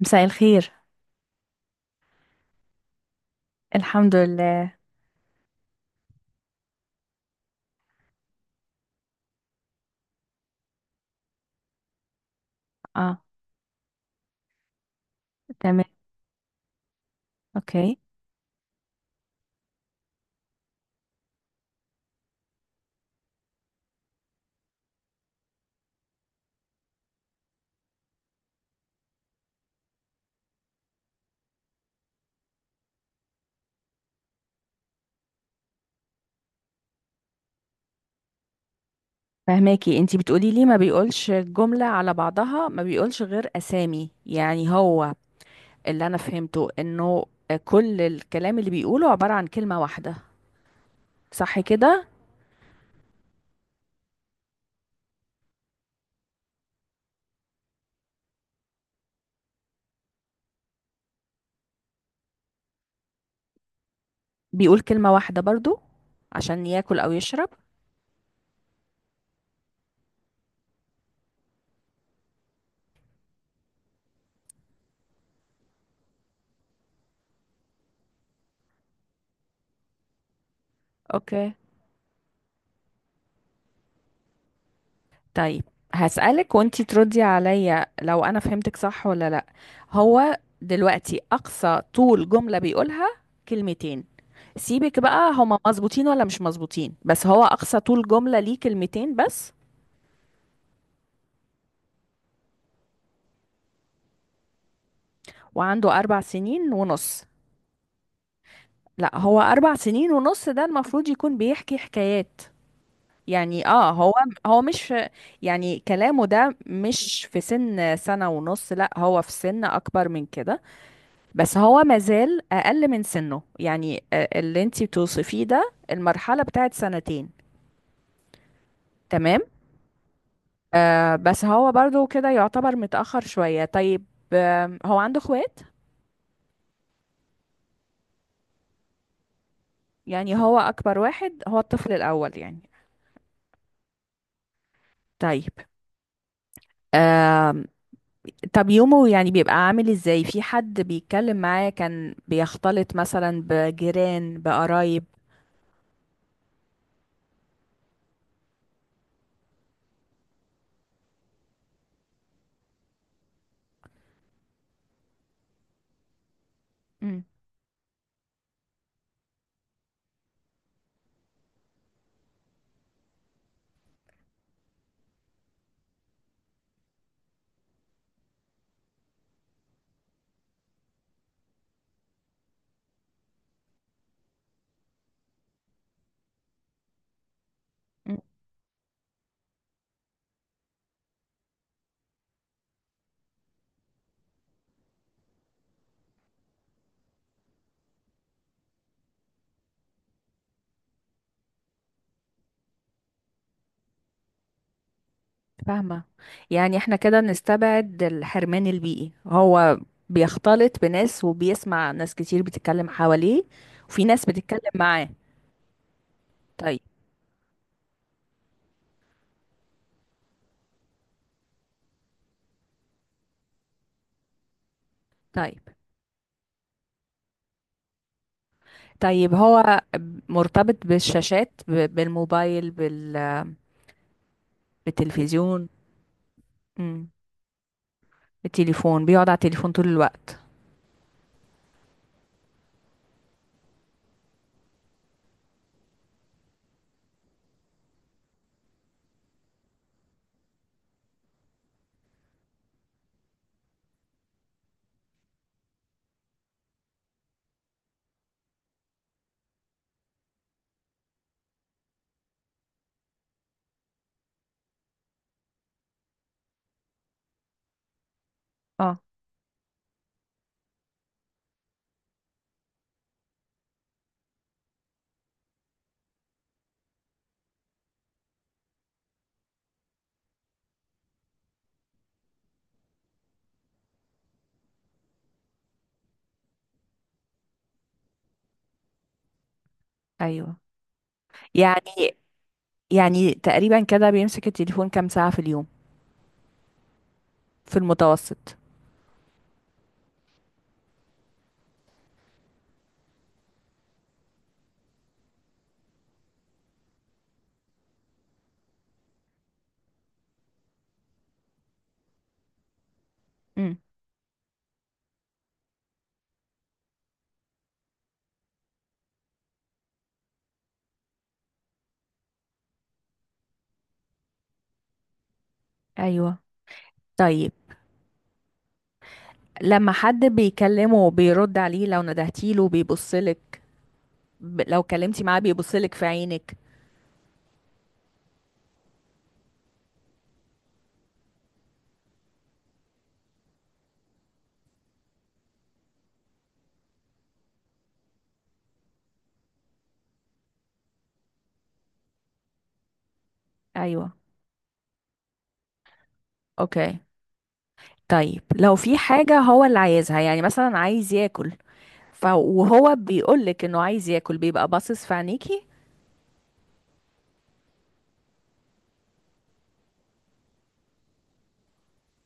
مساء الخير. الحمد لله. اه، تمام. اوكي. فهماكي انتي بتقولي لي ما بيقولش الجملة على بعضها، ما بيقولش غير اسامي، يعني هو اللي انا فهمته انه كل الكلام اللي بيقوله عبارة عن كلمة واحدة، صح كده؟ بيقول كلمة واحدة برضو عشان ياكل او يشرب؟ اوكي. طيب، هسألك وانتي تردي عليا لو انا فهمتك صح ولا لا. هو دلوقتي اقصى طول جملة بيقولها كلمتين. سيبك بقى هما مظبوطين ولا مش مظبوطين، بس هو اقصى طول جملة ليه كلمتين بس؟ وعنده 4 سنين ونص؟ لا، هو 4 سنين ونص ده المفروض يكون بيحكي حكايات. يعني هو مش، يعني كلامه ده مش في سن سنة ونص، لا هو في سن اكبر من كده، بس هو مازال اقل من سنه. يعني اللي انتي بتوصفيه ده المرحلة بتاعت سنتين. تمام. بس هو برضو كده يعتبر متأخر شوية. طيب. هو عنده اخوات؟ يعني هو اكبر واحد، هو الطفل الاول يعني. طيب. آه طب يومه يعني بيبقى عامل ازاي؟ في حد بيتكلم معاه؟ كان بيختلط مثلا بجيران، بقرايب؟ فاهمة. يعني احنا كده نستبعد الحرمان البيئي، هو بيختلط بناس وبيسمع ناس كتير بتتكلم حواليه، وفي ناس بتتكلم معاه. طيب، طيب، طيب. هو مرتبط بالشاشات، بالموبايل، بالتلفزيون؟ امم. بالتليفون بيقعد على التليفون طول الوقت. اه. ايوه. يعني يعني تقريبا كده بيمسك التليفون كام ساعة في اليوم في المتوسط؟ امم. ايوه. طيب، لما حد بيكلمه بيرد عليه؟ لو ندهتيله بيبصلك؟ لو كلمتي معاه بيبصلك في عينك؟ ايوه. اوكي. طيب، لو في حاجة هو اللي عايزها، يعني مثلا عايز ياكل، وهو بيقولك انه عايز ياكل بيبقى باصص في عينيكي؟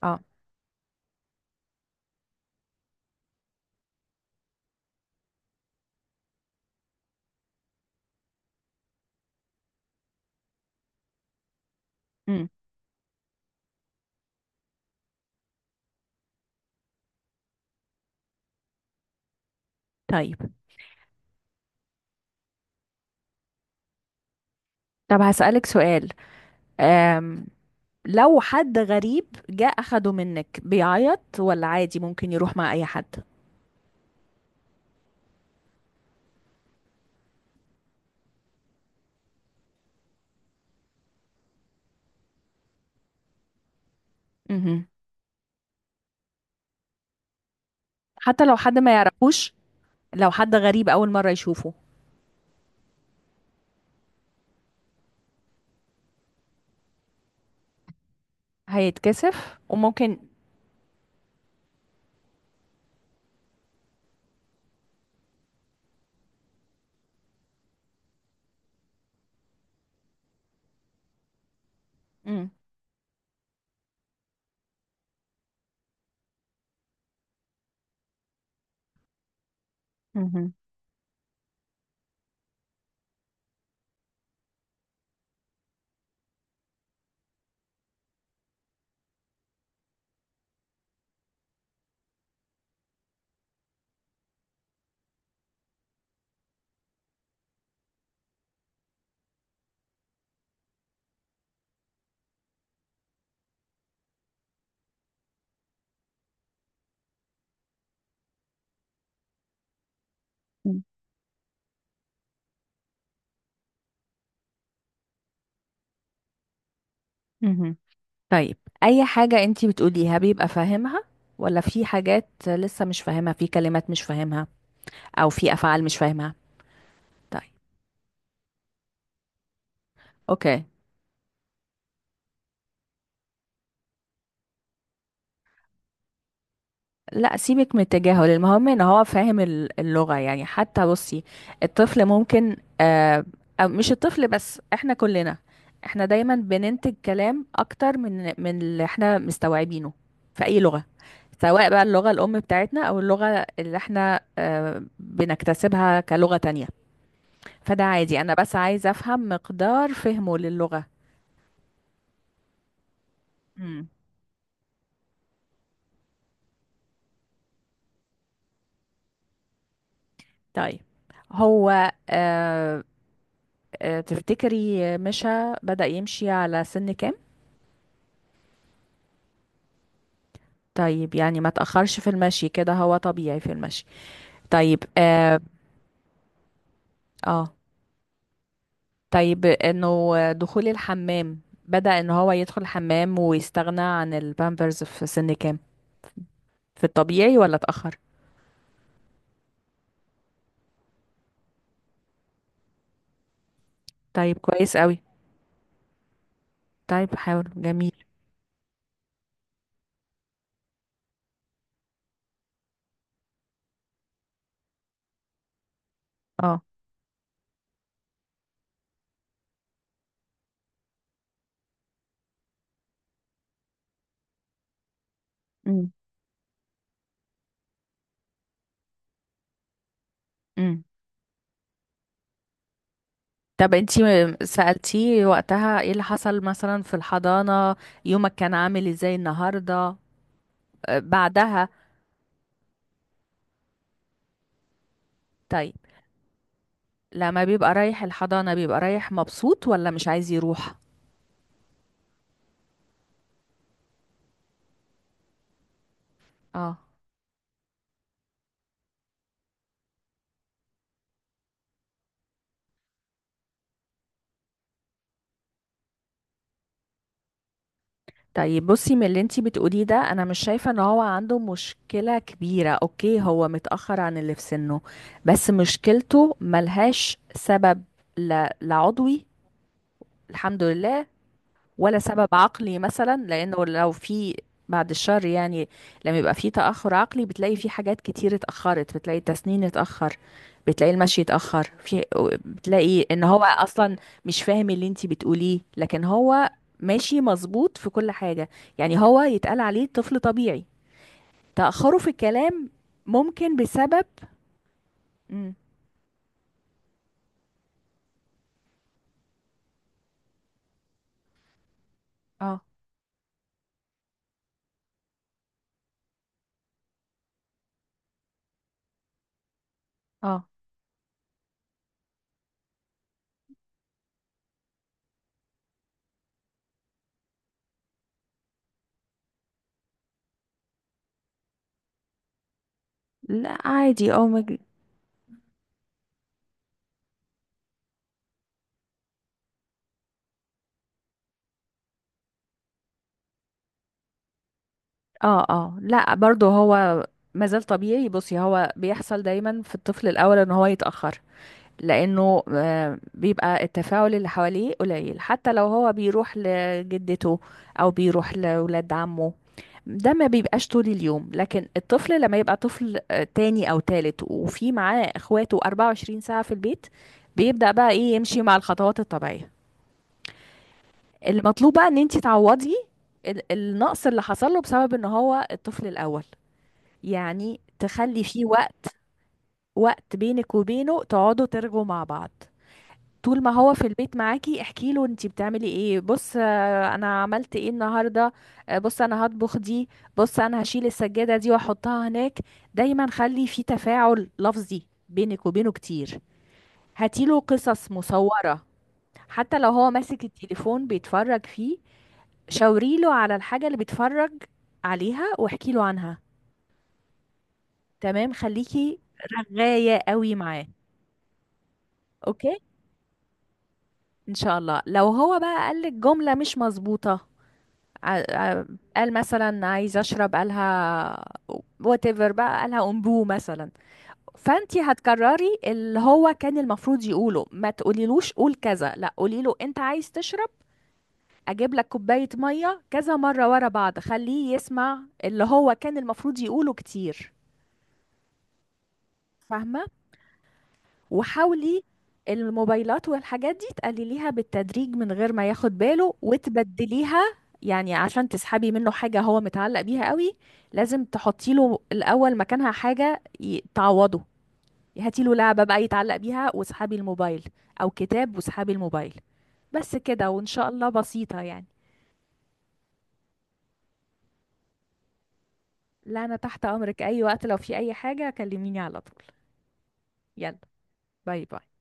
اه. امم. طيب. طب هسألك سؤال. أم... لو حد غريب جه أخده منك بيعيط، ولا عادي ممكن يروح مع أي حد؟ مهم. حتى لو حد ما يعرفوش؟ لو حد غريب أول مرة يشوفه؟ هيتكسف وممكن. مم. مهم. مم. مهم. طيب. اي حاجة انتي بتقوليها بيبقى فاهمها، ولا في حاجات لسه مش فاهمها؟ في كلمات مش فاهمها او في افعال مش فاهمها؟ طيب. اوكي. لا، سيبك من التجاهل، المهم ان هو فاهم اللغة. يعني حتى بصي، الطفل ممكن أو مش الطفل بس، احنا كلنا، احنا دايما بننتج كلام اكتر من اللي احنا مستوعبينه في اي لغة. سواء بقى اللغة الام بتاعتنا او اللغة اللي احنا بنكتسبها كلغة تانية. فده عادي، انا بس عايزة افهم مقدار فهمه للغة. امم. طيب، هو تفتكري مشى، بدأ يمشي على سن كام؟ طيب، يعني ما تأخرش في المشي، كده هو طبيعي في المشي. طيب. اه. آه. طيب، انه دخول الحمام، بدأ ان هو يدخل الحمام ويستغنى عن البامبرز في سن كام؟ في الطبيعي ولا اتأخر؟ طيب. كويس قوي. طيب، حاول جميل. اه. امم. امم. طب انتي سألتيه وقتها ايه اللي حصل؟ مثلا في الحضانة يومك كان عامل ازاي النهاردة، بعدها؟ طيب، لما بيبقى رايح الحضانة بيبقى رايح مبسوط ولا مش عايز يروح؟ اه. طيب، بصي، من اللي انتي بتقوليه ده انا مش شايفة ان هو عنده مشكلة كبيرة. اوكي هو متأخر عن اللي في سنه، بس مشكلته ملهاش سبب، لا، لا عضوي، الحمد لله، ولا سبب عقلي مثلا، لانه لو في، بعد الشر يعني، لما يبقى في تأخر عقلي بتلاقي في حاجات كتير اتأخرت، بتلاقي التسنين اتأخر، بتلاقي المشي اتأخر في، بتلاقي ان هو اصلا مش فاهم اللي انتي بتقوليه، لكن هو ماشي مظبوط في كل حاجة. يعني هو يتقال عليه طفل طبيعي. تأخره في الكلام ممكن بسبب. مم. اه، اه، لا عادي. اه، اه، اه، لا برضه هو مازال طبيعي. بصي، هو بيحصل دايما في الطفل الاول ان هو يتاخر، لانه بيبقى التفاعل اللي حواليه قليل، حتى لو هو بيروح لجدته او بيروح لولاد عمه ده ما بيبقاش طول اليوم. لكن الطفل لما يبقى طفل تاني او تالت وفي معاه اخواته 24 ساعة في البيت، بيبدأ بقى ايه، يمشي مع الخطوات الطبيعية. المطلوب بقى ان انت تعوضي النقص اللي حصل له بسبب ان هو الطفل الاول. يعني تخلي فيه وقت، وقت بينك وبينه تقعدوا ترجوا مع بعض. طول ما هو في البيت معاكي احكي له انتي بتعملي ايه. بص، انا عملت ايه النهارده. بص انا هطبخ دي. بص انا هشيل السجاده دي واحطها هناك. دايما خلي في تفاعل لفظي بينك وبينه كتير. هاتيله قصص مصوره. حتى لو هو ماسك التليفون بيتفرج فيه، شاوريله على الحاجه اللي بيتفرج عليها واحكي له عنها. تمام، خليكي رغاية قوي معاه. اوكي. ان شاء الله. لو هو بقى قال لك جملة مش مظبوطة، ع- ع- قال مثلا عايز اشرب قالها، whatever بقى قالها امبو مثلا، فانتي هتكرري اللي هو كان المفروض يقوله، ما تقوليلوش قول كذا، لا قولي له انت عايز تشرب، اجيب لك كوباية مية، كذا مرة ورا بعض، خليه يسمع اللي هو كان المفروض يقوله كتير. فاهمة؟ وحاولي الموبايلات والحاجات دي تقلليها بالتدريج من غير ما ياخد باله وتبدليها. يعني عشان تسحبي منه حاجة هو متعلق بيها قوي، لازم تحطي له الأول مكانها حاجة تعوضه. هاتي له لعبة بقى يتعلق بيها واسحبي الموبايل، أو كتاب واسحبي الموبايل. بس كده، وإن شاء الله بسيطة يعني. لا، أنا تحت أمرك أي وقت لو في أي حاجة كلميني على طول. يلا، باي باي.